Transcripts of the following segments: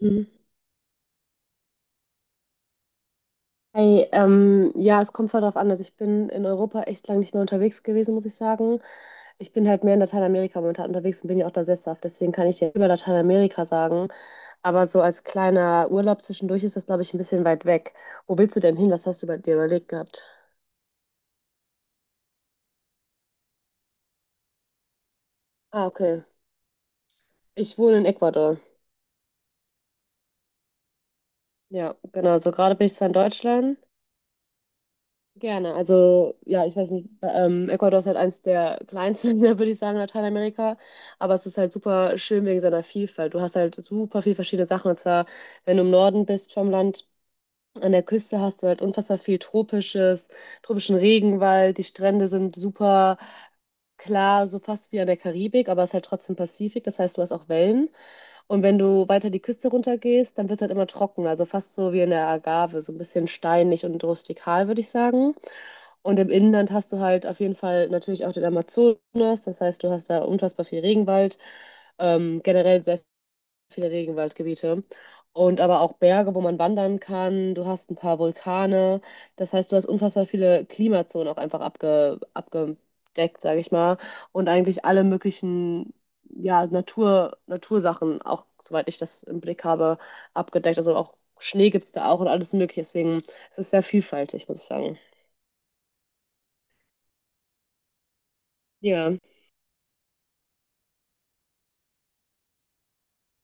Mhm. Hey, ja, es kommt voll darauf an. Also ich bin in Europa echt lange nicht mehr unterwegs gewesen, muss ich sagen. Ich bin halt mehr in Lateinamerika momentan unterwegs und bin ja auch da sesshaft. Deswegen kann ich dir über Lateinamerika sagen. Aber so als kleiner Urlaub zwischendurch ist das, glaube ich, ein bisschen weit weg. Wo willst du denn hin? Was hast du bei dir überlegt gehabt? Ah, okay. Ich wohne in Ecuador. Ja, genau. So gerade bin ich zwar in Deutschland. Gerne. Also, ja, ich weiß nicht, Ecuador ist halt eins der kleinsten, Länder, würde ich sagen, in Lateinamerika. Aber es ist halt super schön wegen seiner Vielfalt. Du hast halt super viel verschiedene Sachen. Und zwar, wenn du im Norden bist vom Land, an der Küste hast du halt unfassbar viel tropischen Regenwald. Die Strände sind super klar, so fast wie an der Karibik, aber es ist halt trotzdem Pazifik. Das heißt, du hast auch Wellen. Und wenn du weiter die Küste runtergehst, dann wird es halt immer trockener, also fast so wie in der Agave, so ein bisschen steinig und rustikal, würde ich sagen. Und im Inland hast du halt auf jeden Fall natürlich auch den Amazonas, das heißt, du hast da unfassbar viel Regenwald, generell sehr viele Regenwaldgebiete und aber auch Berge, wo man wandern kann. Du hast ein paar Vulkane. Das heißt, du hast unfassbar viele Klimazonen auch einfach abgedeckt, sage ich mal. Und eigentlich alle möglichen ja, Natur, Natursachen, auch soweit ich das im Blick habe, abgedeckt. Also auch Schnee gibt es da auch und alles Mögliche. Deswegen es ist es sehr vielfältig, muss ich sagen. Ja.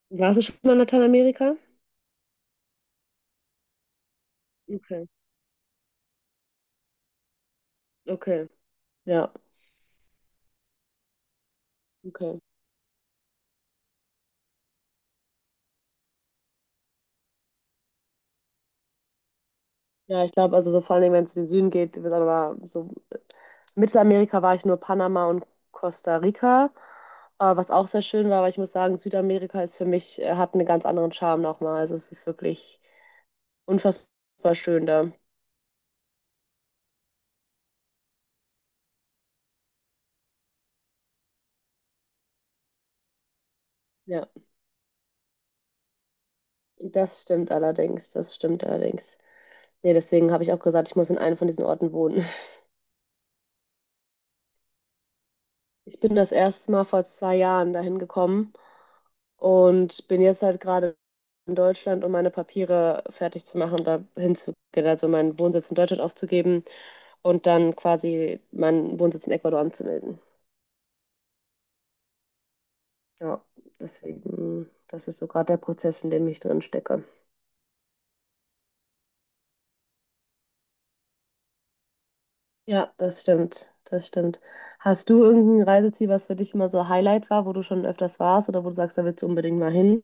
Warst du schon mal in Lateinamerika? Okay, okay. Ja, okay. Ja, ich glaube, also so vor allem, wenn es in den Süden geht, wird aber so Mittelamerika war ich nur Panama und Costa Rica, was auch sehr schön war, aber ich muss sagen, Südamerika ist für mich, hat einen ganz anderen Charme nochmal. Also es ist wirklich unfassbar schön da. Ja, das stimmt allerdings, das stimmt allerdings. Nee, deswegen habe ich auch gesagt, ich muss in einem von diesen Orten wohnen. Ich bin das erste Mal vor 2 Jahren dahin gekommen und bin jetzt halt gerade in Deutschland, um meine Papiere fertig zu machen und da hinzugehen, also meinen Wohnsitz in Deutschland aufzugeben und dann quasi meinen Wohnsitz in Ecuador anzumelden. Ja, deswegen, das ist so gerade der Prozess, in dem ich drin stecke. Ja, das stimmt, das stimmt. Hast du irgendein Reiseziel, was für dich immer so Highlight war, wo du schon öfters warst oder wo du sagst, da willst du unbedingt mal hin?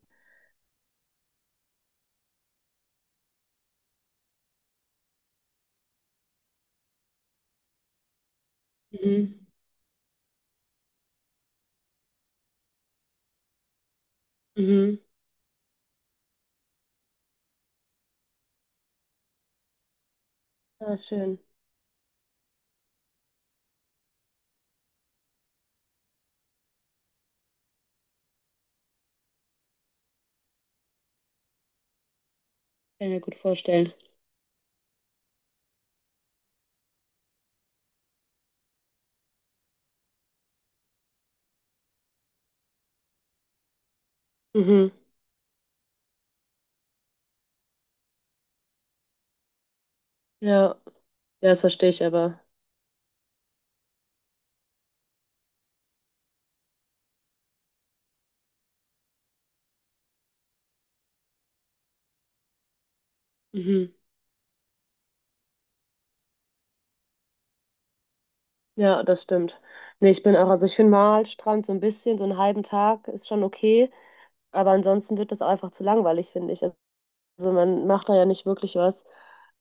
Mhm. Mhm. Ah, schön. Kann ich mir gut vorstellen. Mhm. Ja. Ja, das verstehe ich aber. Mhm. Ja, das stimmt. Nee, ich bin auch, also ich finde Malstrand so ein bisschen, so einen halben Tag ist schon okay, aber ansonsten wird das einfach zu langweilig, finde ich. Also man macht da ja nicht wirklich was.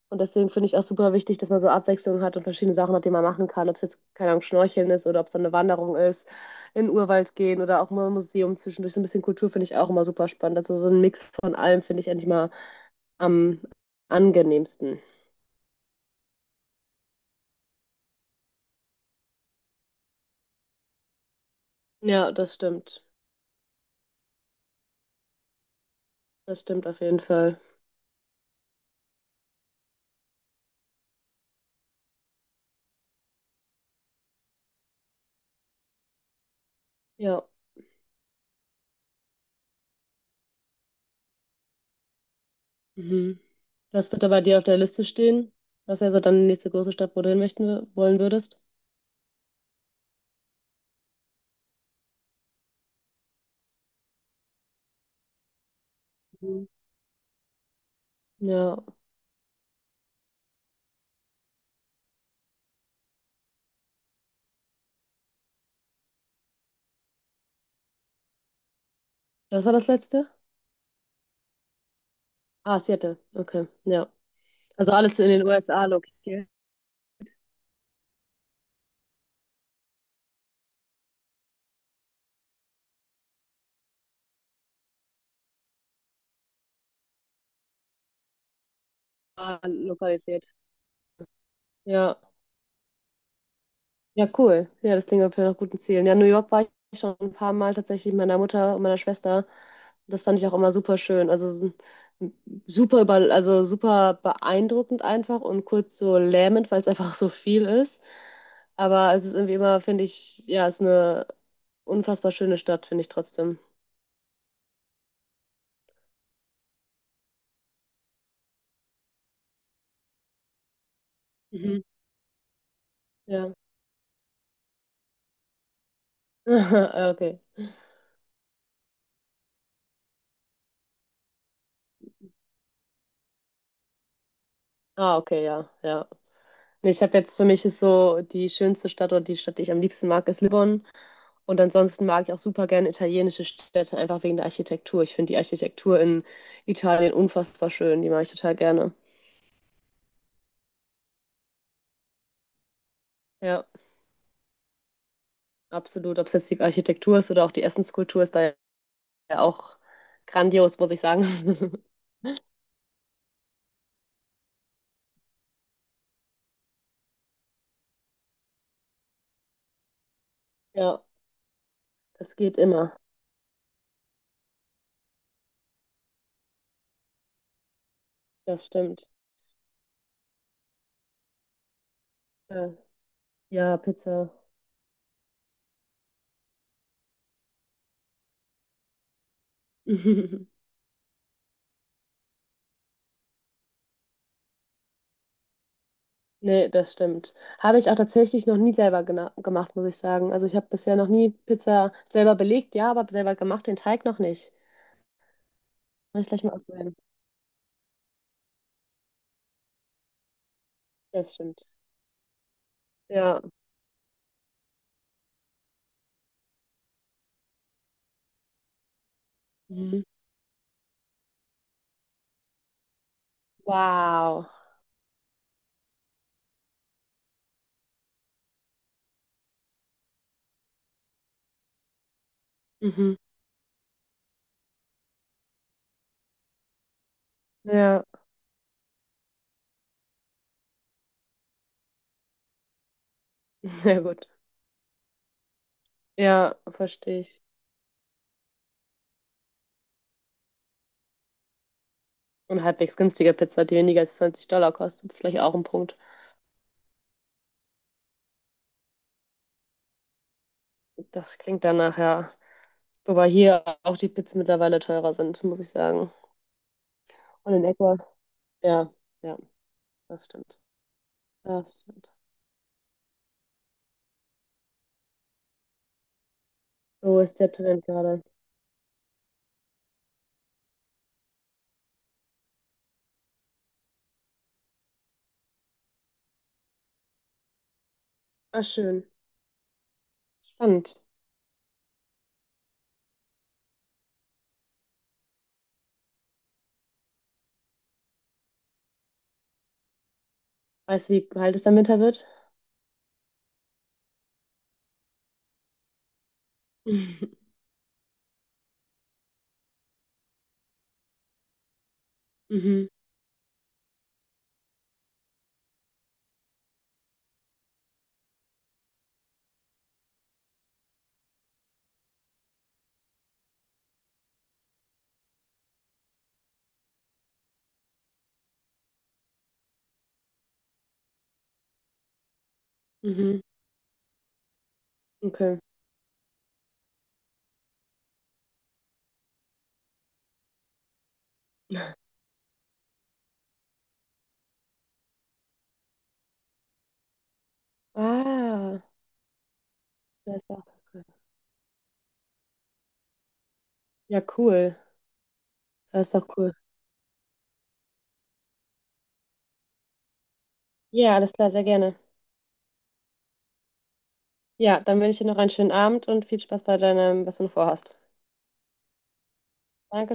Und deswegen finde ich auch super wichtig, dass man so Abwechslung hat und verschiedene Sachen hat, die man machen kann. Ob es jetzt, keine Ahnung, Schnorcheln ist oder ob es dann eine Wanderung ist, in den Urwald gehen oder auch mal ein Museum zwischendurch. So ein bisschen Kultur finde ich auch immer super spannend. Also so ein Mix von allem finde ich eigentlich mal am angenehmsten. Ja, das stimmt. Das stimmt auf jeden Fall. Ja. Mhm. Was wird da bei dir auf der Liste stehen? Was wäre so dann die nächste große Stadt, wo du hin möchten, wollen würdest? Mhm. Ja. Was war das letzte? Ah, Seattle. Okay. Ja. Also alles in den USA lokalisiert. Ja. Ja, cool. Ja, das klingt auf jeden Fall nach guten Zielen. Ja, New York war ich schon ein paar Mal tatsächlich mit meiner Mutter und meiner Schwester. Das fand ich auch immer super schön. Also es super über, also super beeindruckend einfach und kurz so lähmend, weil es einfach so viel ist. Aber es ist irgendwie immer, finde ich, ja, es ist eine unfassbar schöne Stadt, finde ich trotzdem. Mhm. Ja. Okay. Ah, okay, ja, ja. Ich habe jetzt für mich ist so die schönste Stadt oder die Stadt, die ich am liebsten mag, ist Lissabon. Und ansonsten mag ich auch super gerne italienische Städte, einfach wegen der Architektur. Ich finde die Architektur in Italien unfassbar schön. Die mag ich total gerne. Ja, absolut. Ob es jetzt die Architektur ist oder auch die Essenskultur, ist da ja auch grandios, muss ich sagen. Ja, das geht immer. Das stimmt. Ja, ja Pizza. Nee, das stimmt. Habe ich auch tatsächlich noch nie selber gemacht, muss ich sagen. Also ich habe bisher noch nie Pizza selber belegt, ja, aber selber gemacht, den Teig noch nicht. Muss ich gleich mal ausprobieren. Das stimmt. Ja. Mhm. Wow. Mhm. Ja, sehr gut. Ja, verstehe ich. Und halbwegs günstige Pizza, die weniger als 20 Dollar kostet, ist vielleicht auch ein Punkt. Das klingt danach, ja. Wobei hier auch die Pizzen mittlerweile teurer sind, muss ich sagen. Und in Ecuador. Ja, ja, das stimmt. Das stimmt. So ist der Trend gerade. Ah, schön. Spannend. Weißt du, wie kalt es dann Winter wird? Mhm. Mhm. Mhm. Okay. Ah, das ist auch cool. Ja, cool. Das ist auch cool. Ja, alles klar, sehr gerne. Ja, dann wünsche ich dir noch einen schönen Abend und viel Spaß bei deinem, was du noch vorhast. Danke.